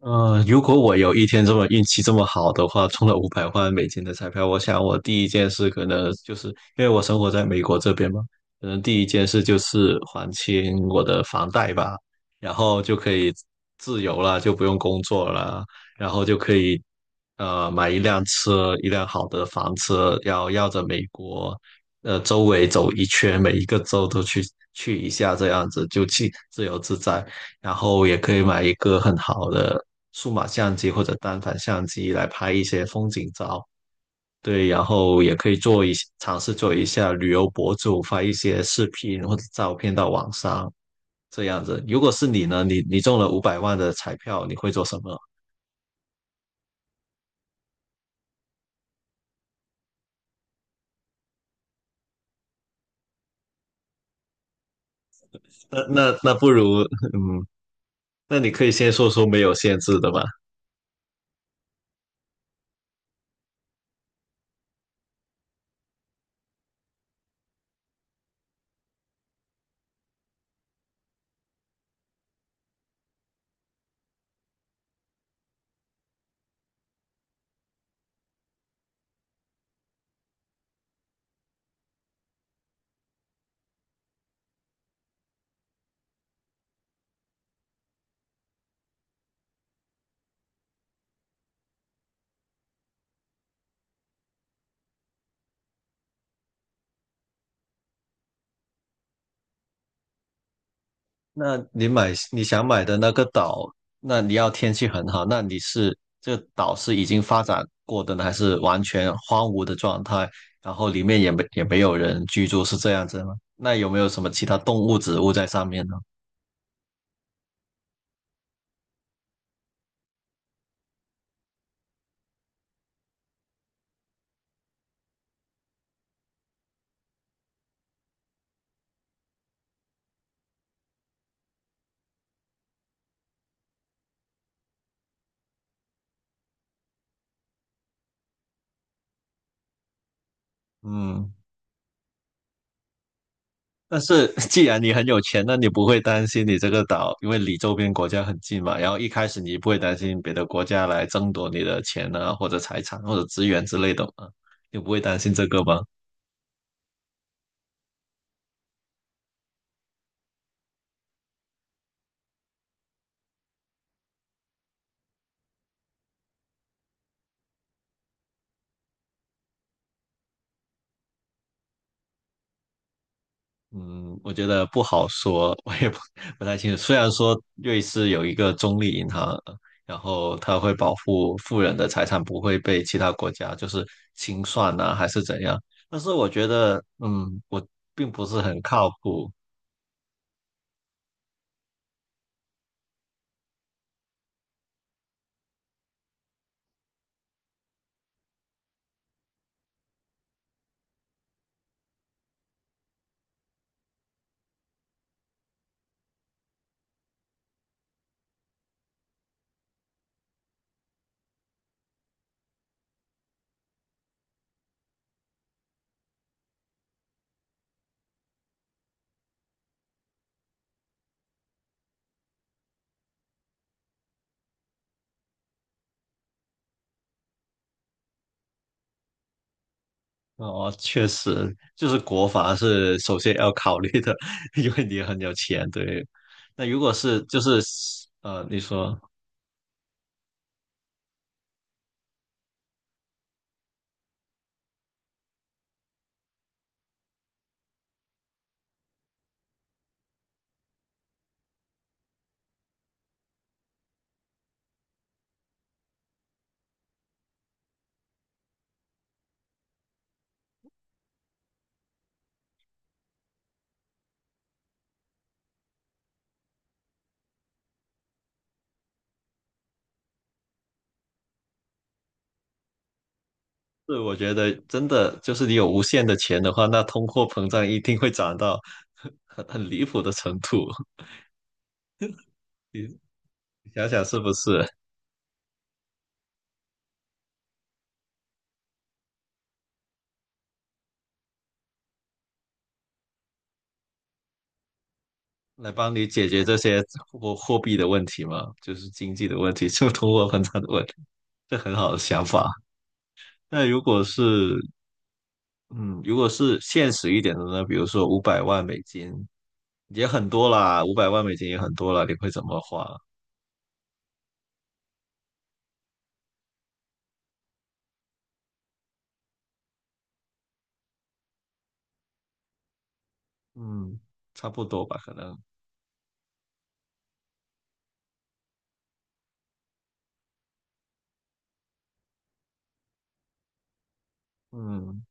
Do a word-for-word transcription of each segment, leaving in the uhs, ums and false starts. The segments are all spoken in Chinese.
呃，如果我有一天这么运气这么好的话，中了五百万美金的彩票，我想我第一件事可能就是因为我生活在美国这边嘛，可能第一件事就是还清我的房贷吧，然后就可以自由了，就不用工作了，然后就可以呃买一辆车，一辆好的房车，要绕着美国呃周围走一圈，每一个州都去去一下，这样子就去自由自在。然后也可以买一个很好的数码相机或者单反相机来拍一些风景照。对，然后也可以做一些尝试做一下旅游博主，发一些视频或者照片到网上，这样子。如果是你呢，你你中了五百万的彩票，你会做什么？那那那不如，嗯，那你可以先说说没有限制的吧。那你买你想买的那个岛，那你要天气很好，那你是这个岛是已经发展过的呢，还是完全荒芜的状态？然后里面也没也没有人居住，是这样子吗？那有没有什么其他动物、植物在上面呢？嗯，但是 既然你很有钱，那你不会担心你这个岛，因为离周边国家很近嘛。然后一开始你不会担心别的国家来争夺你的钱啊，或者财产或者资源之类的嘛？你不会担心这个吗？嗯，我觉得不好说，我也不不太清楚。虽然说瑞士有一个中立银行，然后它会保护富人的财产不会被其他国家就是清算呐、还是怎样，但是我觉得，嗯，我并不是很靠谱。哦，确实，就是国防是首先要考虑的，因为你很有钱，对。那如果是就是呃，你说。是，我觉得真的就是你有无限的钱的话，那通货膨胀一定会涨到很很很离谱的程度。你你想想是不是？来帮你解决这些货货币的问题嘛，就是经济的问题，就通货膨胀的问题，这很好的想法。那如果是嗯，如果是现实一点的呢，比如说五百万美金也很多啦，五百万美金也很多了，你会怎么花？嗯，差不多吧，可能。嗯。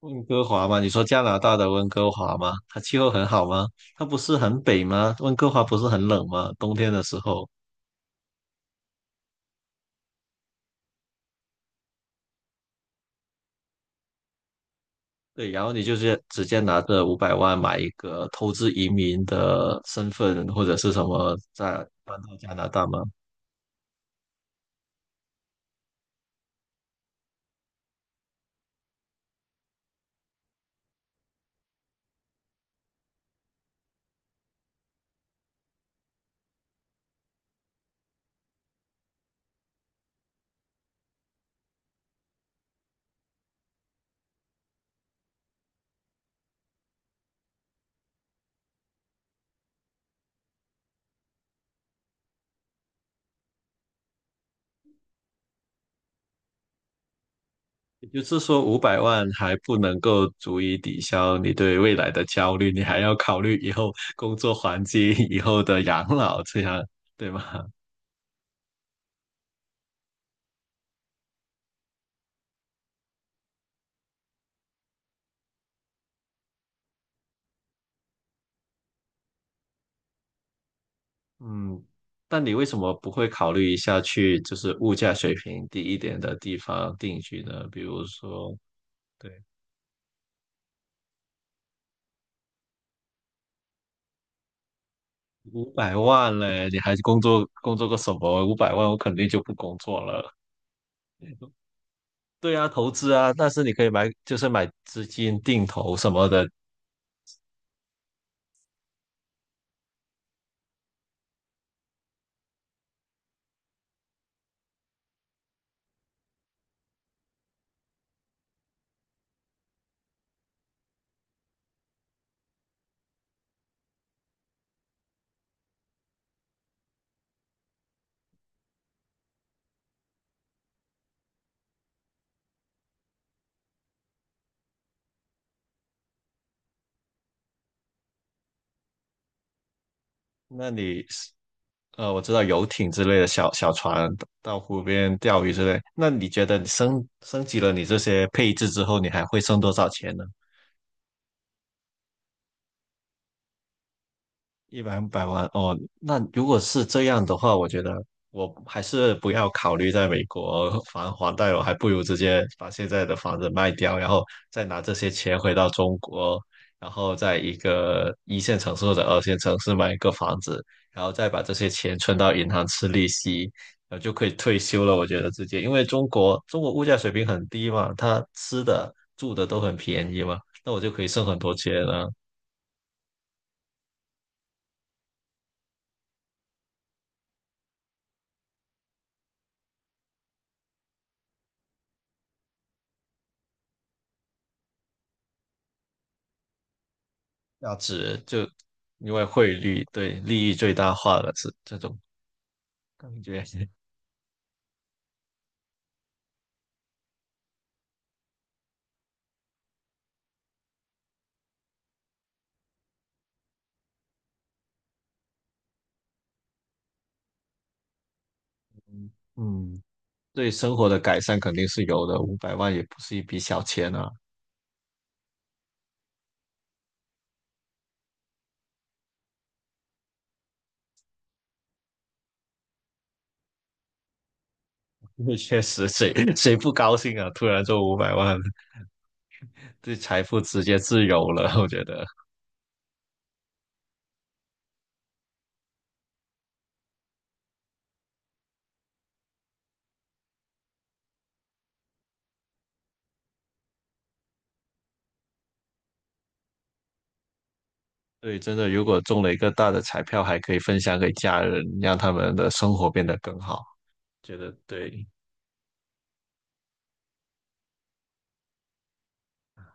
温哥华吗？你说加拿大的温哥华吗？它气候很好吗？它不是很北吗？温哥华不是很冷吗？冬天的时候，对，然后你就是直接拿着五百万买一个投资移民的身份或者是什么，再搬到加拿大吗？也就是说，五百万还不能够足以抵消你对未来的焦虑，你还要考虑以后工作环境、以后的养老，这样对吗？嗯，但你为什么不会考虑一下去就是物价水平低一点的地方定居呢？比如说，对，五百万嘞，你还工作工作个什么？五百万我肯定就不工作了。对啊，投资啊，但是你可以买，就是买资金定投什么的。那你是呃，我知道游艇之类的小小船到湖边钓鱼之类。那你觉得你升升级了你这些配置之后，你还会剩多少钱呢？一百百万哦，那如果是这样的话，我觉得我还是不要考虑在美国还房贷，我还不如直接把现在的房子卖掉，然后再拿这些钱回到中国，然后在一个一线城市或者二线城市买一个房子，然后再把这些钱存到银行吃利息，然后就可以退休了。我觉得直接，因为中国中国物价水平很低嘛，它吃的住的都很便宜嘛，那我就可以剩很多钱了。要值就因为汇率对利益最大化了，是这种感觉。嗯，嗯对生活的改善肯定是有的，五百万也不是一笔小钱啊。因为确实谁谁不高兴啊？突然中五百万，对财富直接自由了，我觉得。对，真的，如果中了一个大的彩票，还可以分享给家人，让他们的生活变得更好。觉得对，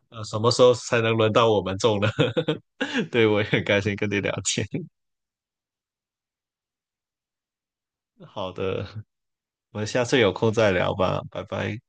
呃，什么时候才能轮到我们中呢？对，我也很开心跟你聊天。好的。我们下次有空再聊吧，拜拜。